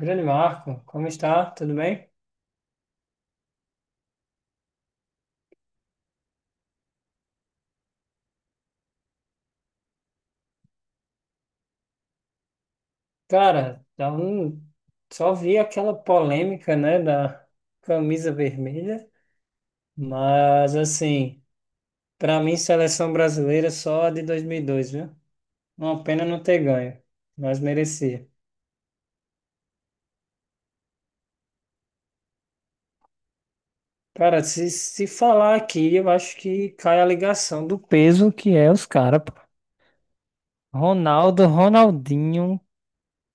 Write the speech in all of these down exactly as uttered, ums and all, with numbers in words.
Grande Marco, como está? Tudo bem? Cara, então, só vi aquela polêmica, né, da camisa vermelha, mas assim, para mim, seleção brasileira é só a de dois, mil e dois, viu? Uma pena não ter ganho, mas merecia. Cara, se, se falar aqui, eu acho que cai a ligação do peso que é os caras, pô. Ronaldo, Ronaldinho,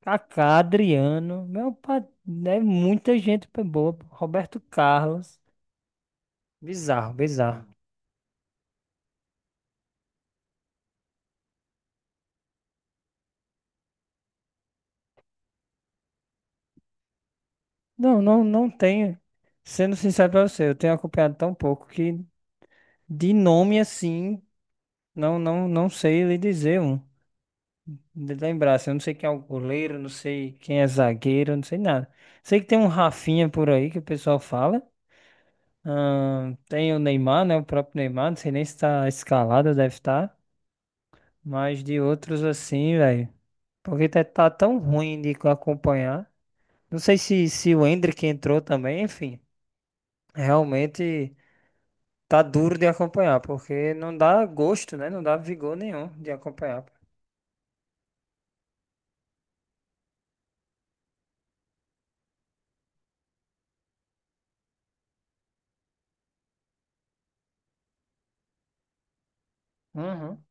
Kaká, Adriano, meu pai, é muita gente boa, pô. Roberto Carlos. Bizarro, bizarro. Não, não, não tenho. Sendo sincero pra você, eu tenho acompanhado tão pouco que de nome assim, não, não, não sei lhe dizer um. De lembrar, assim, eu não sei quem é o goleiro, não sei quem é zagueiro, não sei nada. Sei que tem um Rafinha por aí que o pessoal fala. Ahn, tem o Neymar, né? O próprio Neymar, não sei nem se tá escalado, deve estar. Mas de outros assim, velho. Porque tá, tá tão ruim de acompanhar. Não sei se, se o Endrick entrou também, enfim. Realmente. Tá duro de acompanhar, porque não dá gosto, né? Não dá vigor nenhum de acompanhar. Uhum.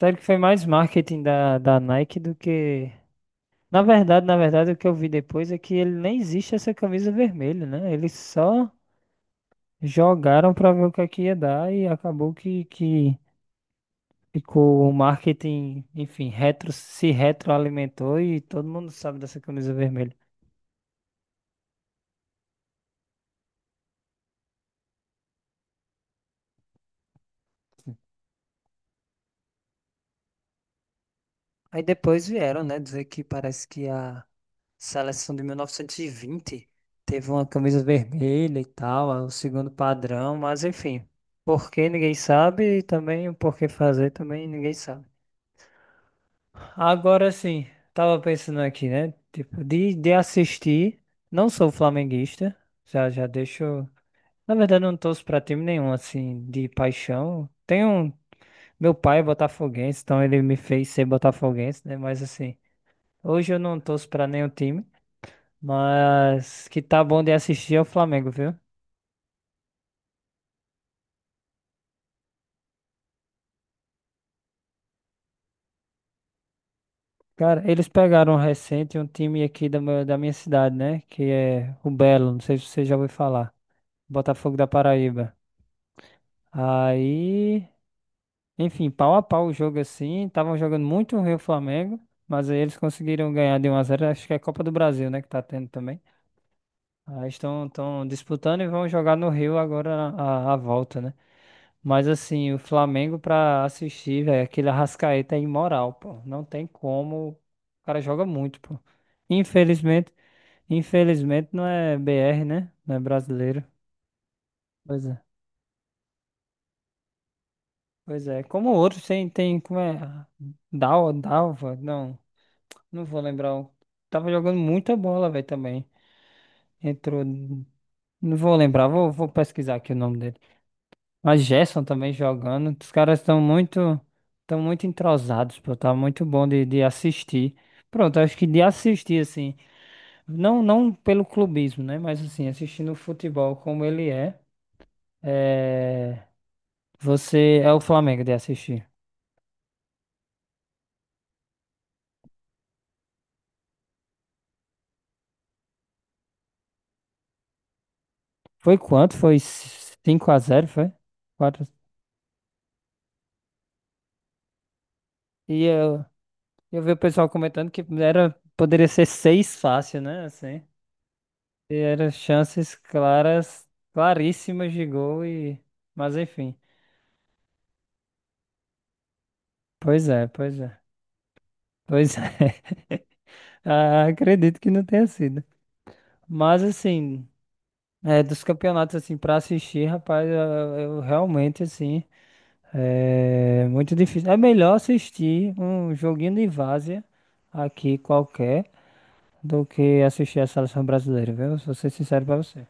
Sabe que foi mais marketing da, da Nike do que. Na verdade, na verdade, o que eu vi depois é que ele nem existe essa camisa vermelha, né? Eles só jogaram pra ver o que é que ia dar e acabou que, que ficou o marketing, enfim, retro, se retroalimentou e todo mundo sabe dessa camisa vermelha. Aí depois vieram, né, dizer que parece que a Seleção de mil novecentos e vinte teve uma camisa vermelha e tal, é o segundo padrão, mas enfim, por que ninguém sabe e também o porquê fazer também ninguém sabe. Agora sim, tava pensando aqui, né? Tipo, de, de assistir, não sou flamenguista, já já deixo. Na verdade, eu não torço pra time nenhum, assim, de paixão. Tem um. Meu pai é botafoguense, então ele me fez ser botafoguense, né? Mas assim, hoje eu não torço pra nenhum time. Mas que tá bom de assistir é o Flamengo, viu? Cara, eles pegaram um recente um time aqui da, meu- da minha cidade, né? Que é o Belo, não sei se você já ouviu falar. Botafogo da Paraíba. Aí, enfim, pau a pau o jogo assim. Estavam jogando muito ruim o Flamengo, mas aí eles conseguiram ganhar de um a zero. Acho que é a Copa do Brasil, né? Que tá tendo também. Aí estão estão disputando e vão jogar no Rio agora a, a volta, né? Mas assim, o Flamengo pra assistir, velho, aquele Arrascaeta é imoral, pô. Não tem como. O cara joga muito, pô. Infelizmente, infelizmente não é B R, né? Não é brasileiro. Pois é. Pois é. Como outros tem, tem, como é? Dal, Dalva? Não, não vou lembrar. o- Tava jogando muita bola, velho, também. Entrou. Não vou lembrar, vou, vou pesquisar aqui o nome dele. A Gerson também jogando. Os caras estão muito, estão muito entrosados, pô. Tá muito bom de, de assistir. Pronto, acho que de assistir, assim, não, não pelo clubismo, né? Mas assim, assistindo o futebol como ele é, é, você é o Flamengo de assistir. Foi quanto? Foi cinco a zero, foi? Quatro. E eu, eu vi o pessoal comentando que era, poderia ser seis fácil, né? Assim, e eram chances claras, claríssimas de gol e. Mas enfim. Pois é, pois é. Pois é. Ah, acredito que não tenha sido. Mas assim, é, dos campeonatos assim para assistir, rapaz, eu, eu realmente assim é muito difícil. É melhor assistir um joguinho de várzea aqui qualquer do que assistir a seleção brasileira, viu? Vou ser sincero pra você.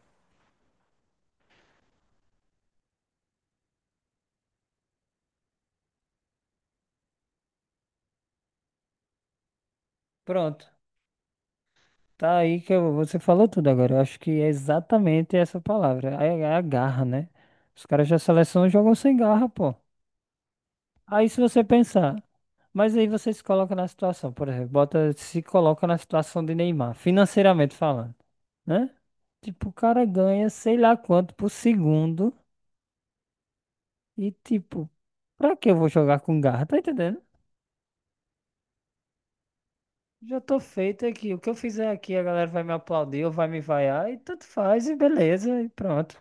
Pronto. Tá aí que eu- você falou tudo agora. Eu acho que é exatamente essa palavra. É, é a garra, né? Os caras da seleção jogam sem garra, pô. Aí se você pensar, mas aí você se coloca na situação, por exemplo, bota, se coloca na situação de Neymar, financeiramente falando, né? Tipo, o cara ganha sei lá quanto por segundo e tipo, pra que eu vou jogar com garra? Tá entendendo? Já tô feito aqui. O que eu fizer aqui, a galera vai me aplaudir ou vai me vaiar e tanto faz e beleza e pronto.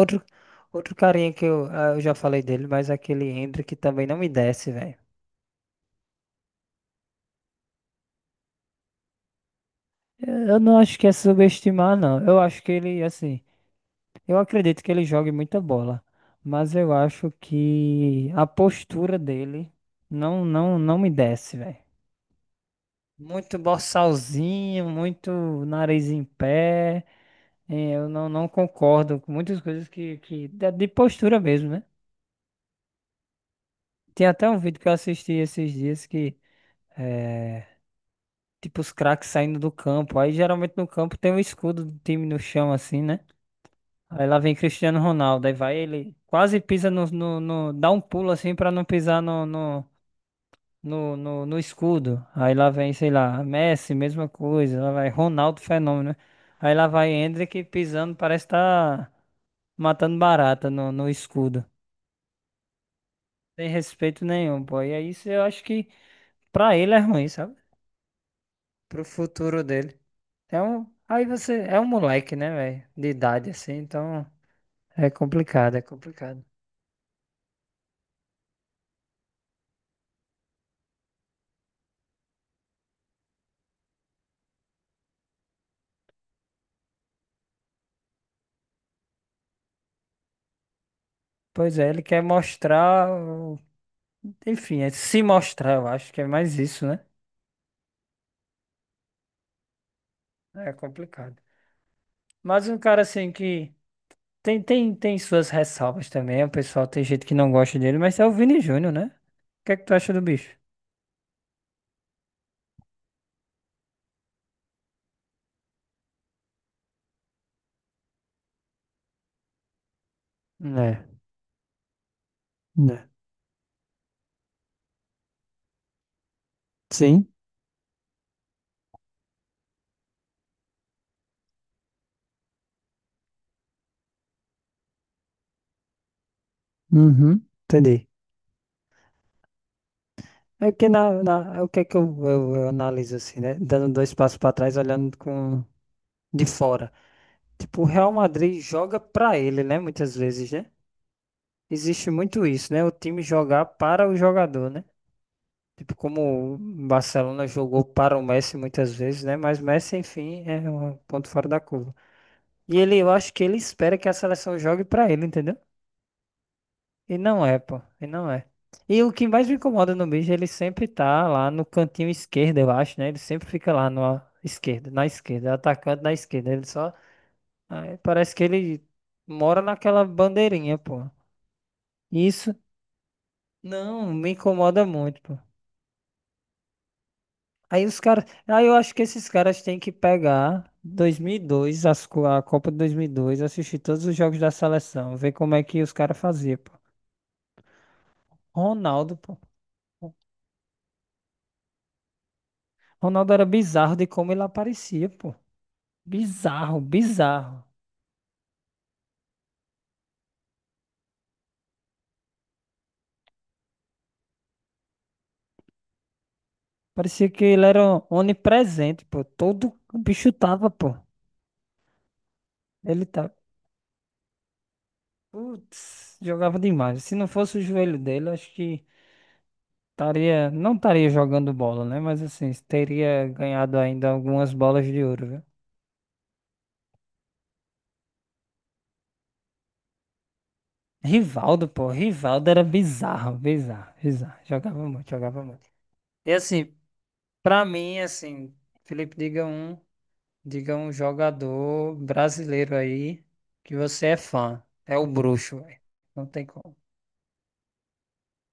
Outro, outro carinha que eu, ah, eu já falei dele, mas aquele Hendrick também não me desce, velho. Eu eu não acho que é subestimar, não. Eu acho que ele, assim. Eu acredito que ele jogue muita bola, mas eu acho que a postura dele não não não me desce, velho. Muito borsalzinho, muito nariz em pé. eh, Eu não, não concordo com muitas coisas que, que da- de postura mesmo, né? Tem até um vídeo que eu assisti esses dias que é tipo os craques saindo do campo. Aí geralmente no campo tem um escudo do time no chão assim, né? Aí lá vem Cristiano Ronaldo, aí vai ele, quase pisa no, no, no- dá um pulo assim pra não pisar no, no, no, no, no escudo. Aí lá vem, sei lá, Messi, mesma coisa, lá vai Ronaldo, fenômeno, né? Aí lá vai Endrick pisando, parece tá matando barata no, no escudo. Sem respeito nenhum, pô. E aí isso eu acho que pra ele é ruim, sabe? Pro futuro dele. Então, aí você, é um moleque, né, velho? De idade assim, então é complicado, é complicado. Pois é, ele quer mostrar. Enfim, é se mostrar, eu acho que é mais isso, né? É complicado. Mas um cara assim que tem, tem, tem suas ressalvas também. O pessoal tem gente que não gosta dele, mas é o Vini Júnior, né? O que é que tu acha do bicho? Né, né. Sim, uhum, entendi. É que na, na, é o que é que eu, eu, eu analiso assim, né? Dando dois passos para trás, olhando com de fora. Tipo, o Real Madrid joga para ele, né? Muitas vezes, né? Existe muito isso, né? O time jogar para o jogador, né? Tipo, como o Barcelona jogou para o Messi muitas vezes, né? Mas Messi, enfim, é um ponto fora da curva. E ele, eu acho que ele espera que a seleção jogue para ele, entendeu? E não é, pô. E não é. E o que mais me incomoda no bicho, ele sempre tá lá no cantinho esquerdo, eu acho, né? Ele sempre fica lá na esquerda, na esquerda, atacante na esquerda. Ele só. Aí parece que ele mora naquela bandeirinha, pô. Isso não me incomoda muito, pô. Aí os caras. Aí eu acho que esses caras têm que pegar dois mil e dois, as, co- a Copa de dois mil e dois, assistir todos os jogos da seleção, ver como é que os caras faziam, pô. Ronaldo, pô. Ronaldo era bizarro de como ele aparecia, pô. Bizarro, bizarro. Parecia que ele era onipresente, pô. Todo o bicho tava, pô. Ele tá. Putz, jogava demais. Se não fosse o joelho dele, acho que estaria. Não estaria jogando bola, né? Mas assim, teria ganhado ainda algumas bolas de ouro, viu? Rivaldo, pô, Rivaldo era bizarro, bizarro, bizarro. Jogava muito, jogava muito. E assim, pra mim, assim, Felipe, diga um, diga um jogador brasileiro aí que você é fã. É o bruxo, velho. Não tem como,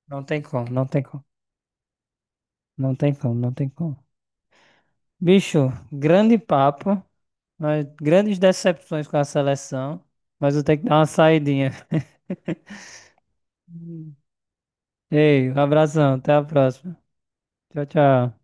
não tem como, não tem como, não tem como, não tem como. Bicho, grande papo, mas grandes decepções com a seleção, mas eu tenho que dar uma saidinha. Ei, um abração, até a próxima. Tchau, tchau.